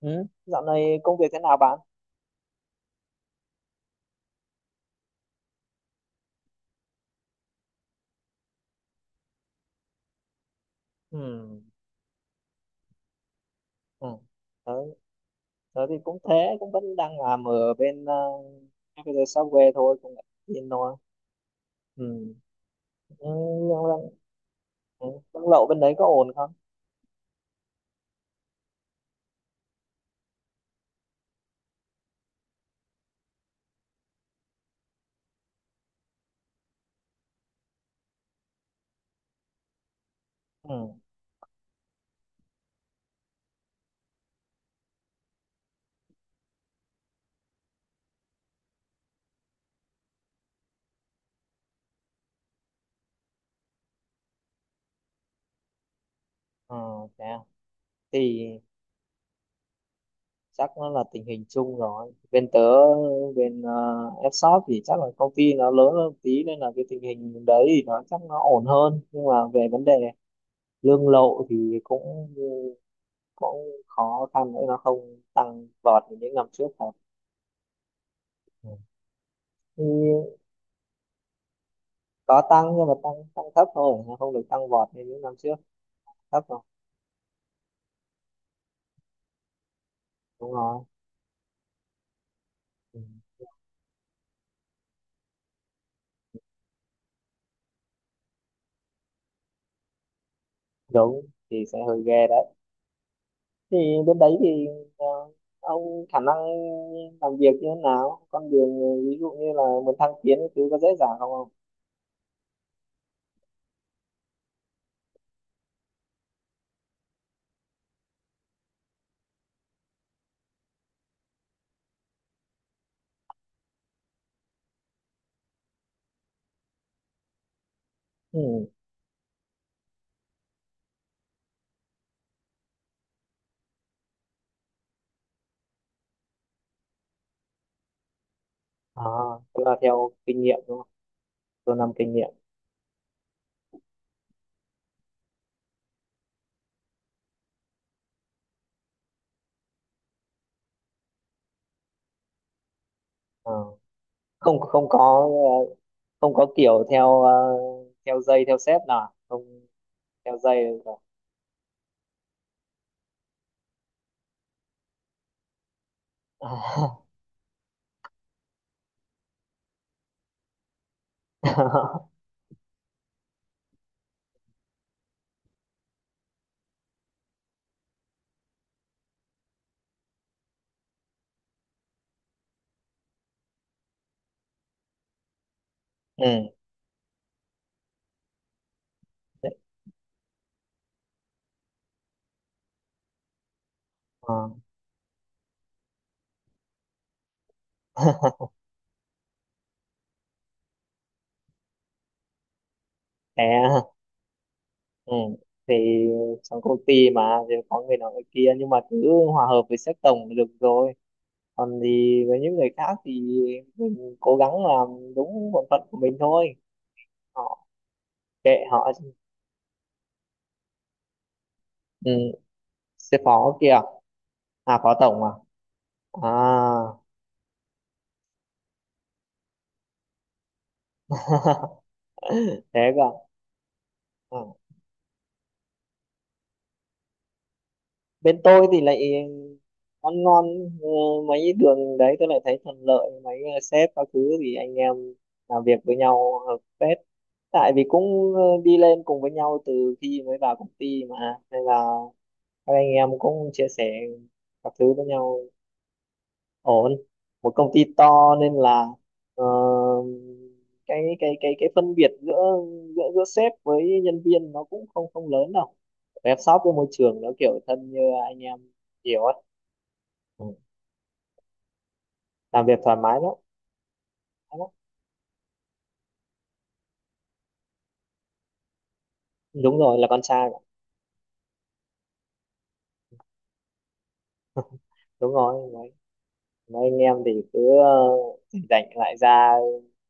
Ừ. Dạo này công việc thế nào bạn? Ừ. Ừ. Tớ, tớ thì cũng thế, cũng vẫn đang làm ở bên Computer Software thôi, cũng yên thôi. Ừ. Ừ, nhưng mà- ừ, Công lậu bên đấy có ổn không? Ừ. Ừ. Thế à? Thì chắc nó là tình hình chung rồi. Bên f thì chắc là công ty nó lớn hơn tí nên là cái tình hình đấy thì nó chắc nó ổn hơn. Nhưng mà về vấn đề lương lậu thì cũng cũng khó khăn nữa, nó không tăng vọt như những năm trước thật. Ừ. Thì có tăng nhưng mà tăng tăng thấp thôi, nó không được tăng vọt như những năm trước, thấp rồi. Đúng rồi. Ừ. Đúng thì sẽ hơi ghê đấy. Thì bên đấy thì ờ, ông khả năng làm việc như thế nào, con đường, ví dụ như là muốn thăng tiến cái thứ có dễ dàng không không? Ừ. À, tức là theo kinh nghiệm đúng không, theo năm kinh nghiệm? Ờ. không không có, ờ, không có kiểu theo theo dây, theo sếp nào không? Đeo dây được rồi. Ừ đấy. Ờ. Thế à? Ừ. Thì trong công ty mà, thì có người nọ người kia nhưng mà cứ hòa hợp với sếp tổng là được rồi. Còn thì với những người khác thì mình cố gắng làm đúng bổn phận của mình thôi, họ kệ họ. Ừ. Sếp phó kia, à phó tổng à? À. Thế cơ à? Bên tôi thì lại ăn ngon, ờ, mấy đường đấy tôi lại thấy thuận lợi, mấy sếp các thứ thì anh em làm việc với nhau hợp phết, tại vì cũng đi lên cùng với nhau từ khi mới vào công ty mà. Nên là các anh em cũng chia sẻ các thứ với nhau, ổn. Một công ty to nên là ờ, cái phân biệt giữa giữa giữa sếp với nhân viên nó cũng không không lớn đâu. Web shop với môi trường nó kiểu thân như anh em, hiểu. Ừ. Làm việc thoải mái lắm, thoải mái lắm. Đúng rồi, là con trai mà. Đúng rồi. Mấy anh em thì cứ rảnh rảnh lại ra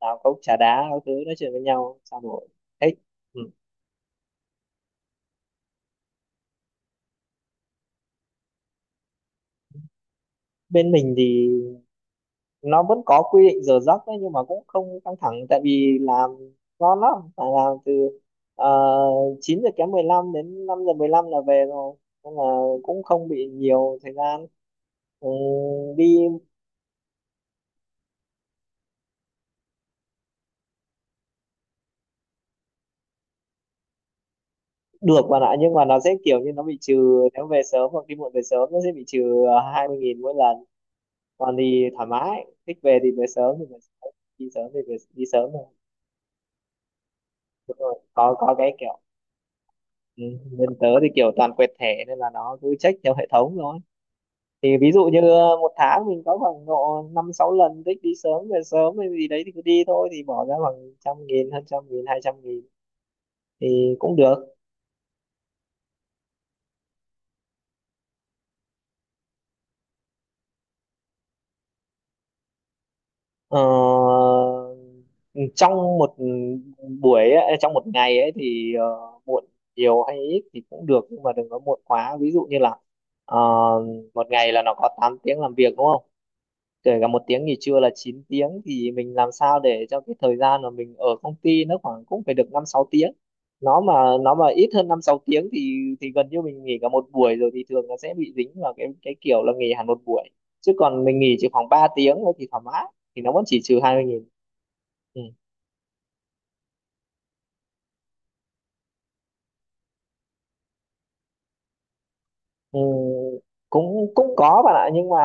làm cốc trà đá các thứ, nói chuyện với nhau trao đổi, thích. Ừ. Bên mình thì nó vẫn có quy định giờ giấc đấy nhưng mà cũng không căng thẳng, tại vì làm ngon lắm, phải làm từ 9 giờ kém 15 đến 5:15 là về rồi, nên là cũng không bị nhiều thời gian. Ừ, đi. Được bạn ạ, nhưng mà nó sẽ kiểu như nó bị trừ nếu về sớm hoặc đi muộn. Về sớm nó sẽ bị trừ à, 20.000 mỗi lần. Còn thì thoải mái, thích về thì về sớm thì về sớm, đi sớm thì về, đi sớm thôi. Đúng rồi. Có cái kiểu, ừ, bên tớ thì kiểu toàn quẹt thẻ nên là nó cứ check theo hệ thống thôi. Thì ví dụ như một tháng mình có khoảng độ năm sáu lần thích đi sớm về sớm hay gì đấy thì cứ đi thôi, thì bỏ ra khoảng 100.000, hơn 100.000, 200.000 thì cũng được. Ờ, trong một buổi ấy, trong một ngày ấy thì muộn nhiều hay ít thì cũng được, nhưng mà đừng có muộn quá, ví dụ như là ờ, một ngày là nó có 8 tiếng làm việc đúng không, kể cả một tiếng nghỉ trưa là 9 tiếng, thì mình làm sao để cho cái thời gian mà mình ở công ty nó khoảng cũng phải được 5 6 tiếng. Nó mà nó mà ít hơn 5 6 tiếng thì gần như mình nghỉ cả một buổi rồi, thì thường nó sẽ bị dính vào cái kiểu là nghỉ hẳn một buổi. Chứ còn mình nghỉ chỉ khoảng 3 tiếng thôi thì thoải mái, thì nó vẫn chỉ trừ 20.000. Ừ. Ừ, cũng cũng có bạn ạ, nhưng mà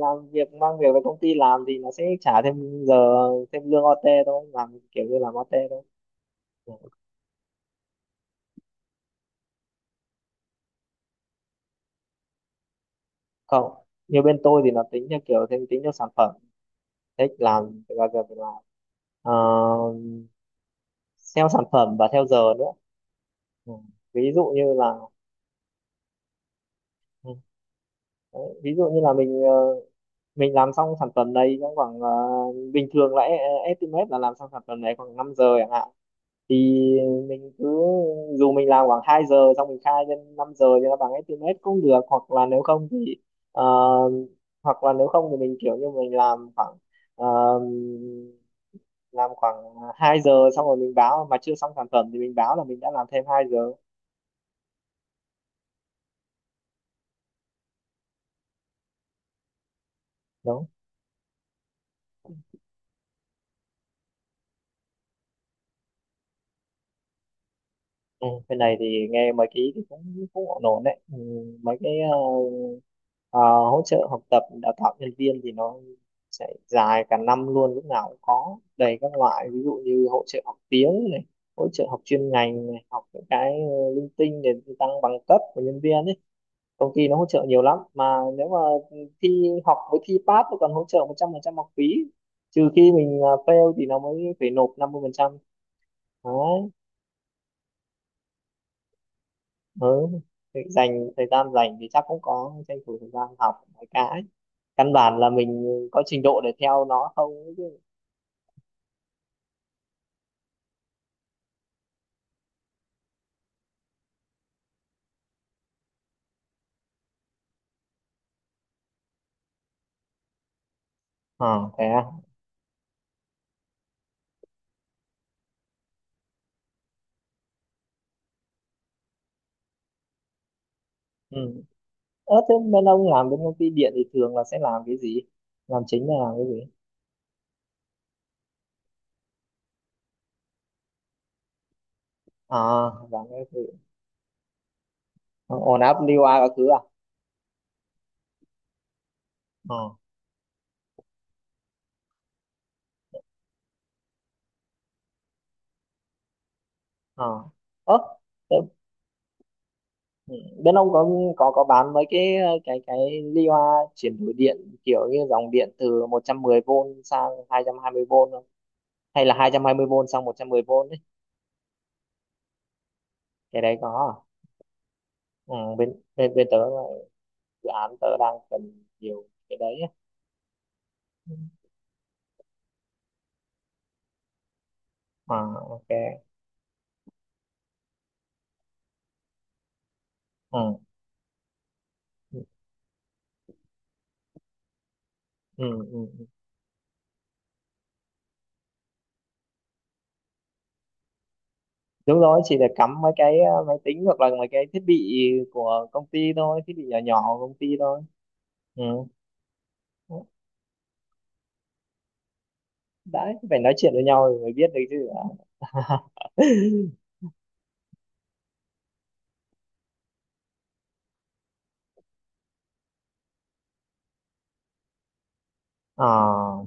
làm việc mang việc về công ty làm thì nó sẽ trả thêm giờ, thêm lương OT thôi, làm kiểu như làm OT thôi. Ừ. Không, như bên tôi thì nó tính theo kiểu thêm, tính theo sản phẩm, thích làm thì bao giờ phải làm. Ờ, theo sản phẩm và theo giờ nữa. Ừ. Ví dụ như là, ừ, đấy, ví dụ như là mình làm xong sản phẩm này trong khoảng, bình thường là estimate là làm xong sản phẩm này khoảng 5 giờ chẳng hạn, thì mình cứ, dù mình làm khoảng 2 giờ xong mình khai lên 5 giờ thì nó bằng estimate cũng được, hoặc là nếu không thì ờ, hoặc là nếu không thì mình kiểu như mình làm khoảng, ờ, làm khoảng 2 giờ xong rồi mình báo mà chưa xong sản phẩm thì mình báo là mình đã làm thêm 2 giờ. Đúng. Ừ, bên này thì nghe mấy cái ý thì cũng cũng ổn ổn đấy. Ừ, mấy cái ờ, hỗ trợ học tập đào tạo nhân viên thì nó sẽ dài cả năm luôn, lúc nào cũng có đầy các loại, ví dụ như hỗ trợ học tiếng này, hỗ trợ học chuyên ngành này, học những cái linh tinh để tăng bằng cấp của nhân viên ấy. Công ty nó hỗ trợ nhiều lắm, mà nếu mà thi học với thi pass nó còn hỗ trợ 100% học phí, trừ khi mình fail thì nó mới phải nộp 50%. Đấy. Ừ. Thì dành thời gian, dành thì chắc cũng có tranh thủ thời gian học mấy cái, căn bản là mình có trình độ để theo nó không ấy chứ. À thế à? Ừ. Ơ, thế bên ông làm bên công ty điện thì thường là sẽ làm cái gì, làm chính là làm cái gì? À, làm cái gì, ổn áp lưu a các thứ à? Ờ ờ. Ơ, thế. Ừ, bên ông có bán mấy cái cái ly hoa chuyển đổi điện kiểu như dòng điện từ 110V sang hai hai trăm hai mươi vôn không? Hay là hai hai trăm hai mươi vôn sang 110V ấy? Cái đấy có à? Ừ, bên bên bên tớ là dự án tớ đang cần nhiều cái đấy á. Ừ. À, ok. Ừ. Ừ. Ừ. Ừ. Đúng rồi, chỉ để cắm mấy cái máy tính hoặc là mấy cái thiết bị của công ty thôi, thiết bị nhỏ nhỏ của công ty thôi. Ừ. Đấy, phải nói chuyện với nhau rồi mới biết được chứ. À,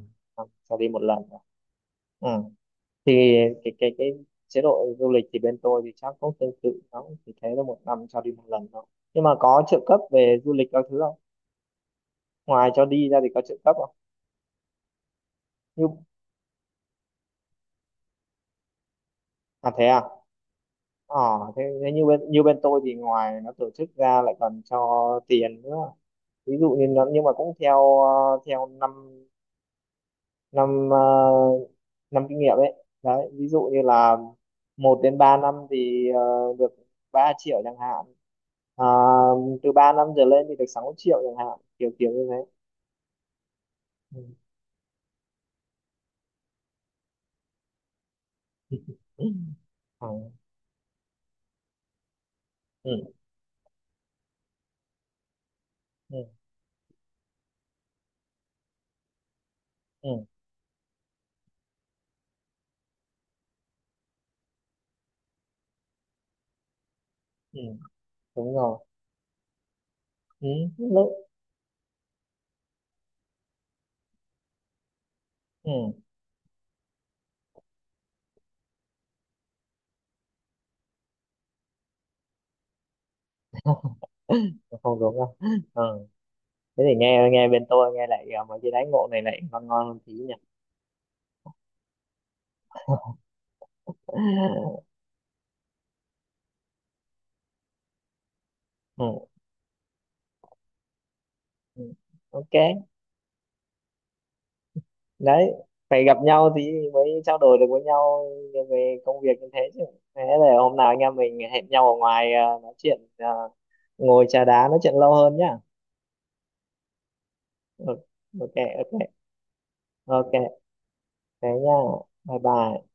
sẽ đi một lần à? Ừ. Thì cái chế độ du lịch thì bên tôi thì chắc cũng tương tự, nó cũng chỉ thế là 1 năm cho đi một lần thôi. Nhưng mà có trợ cấp về du lịch các thứ không, ngoài cho đi ra thì có trợ cấp không? Như, à thế à? ờ Thế, thế như bên tôi thì ngoài nó tổ chức ra lại còn cho tiền nữa, ví dụ như nó, nhưng mà cũng theo theo năm năm ờ, năm kinh nghiệm ấy. Đấy, ví dụ như là 1 đến 3 năm thì được 3.000.000 chẳng hạn. À, từ 3 năm trở lên thì được 6.000.000 chẳng hạn, kiểu kiểu như thế. Ừ. Ừ. Ừ. Ừ. Ừ. Ừ. Đúng rồi. Ừ. Lúc. Ừ. Không đúng đâu. Ừ. Thế thì nghe nghe bên tôi nghe lại à, mấy cái đáy ngộ này lại ngon ngon hơn tí nhỉ. Ừ. Ừ. Ok. Đấy, phải gặp nhau thì mới trao đổi được với nhau về công việc như thế chứ. Thế là hôm nào anh em mình hẹn nhau ở ngoài, à nói chuyện, à ngồi trà đá nói chuyện lâu hơn nhá. Ừ, ok ok ok, thế nha. Bye bye.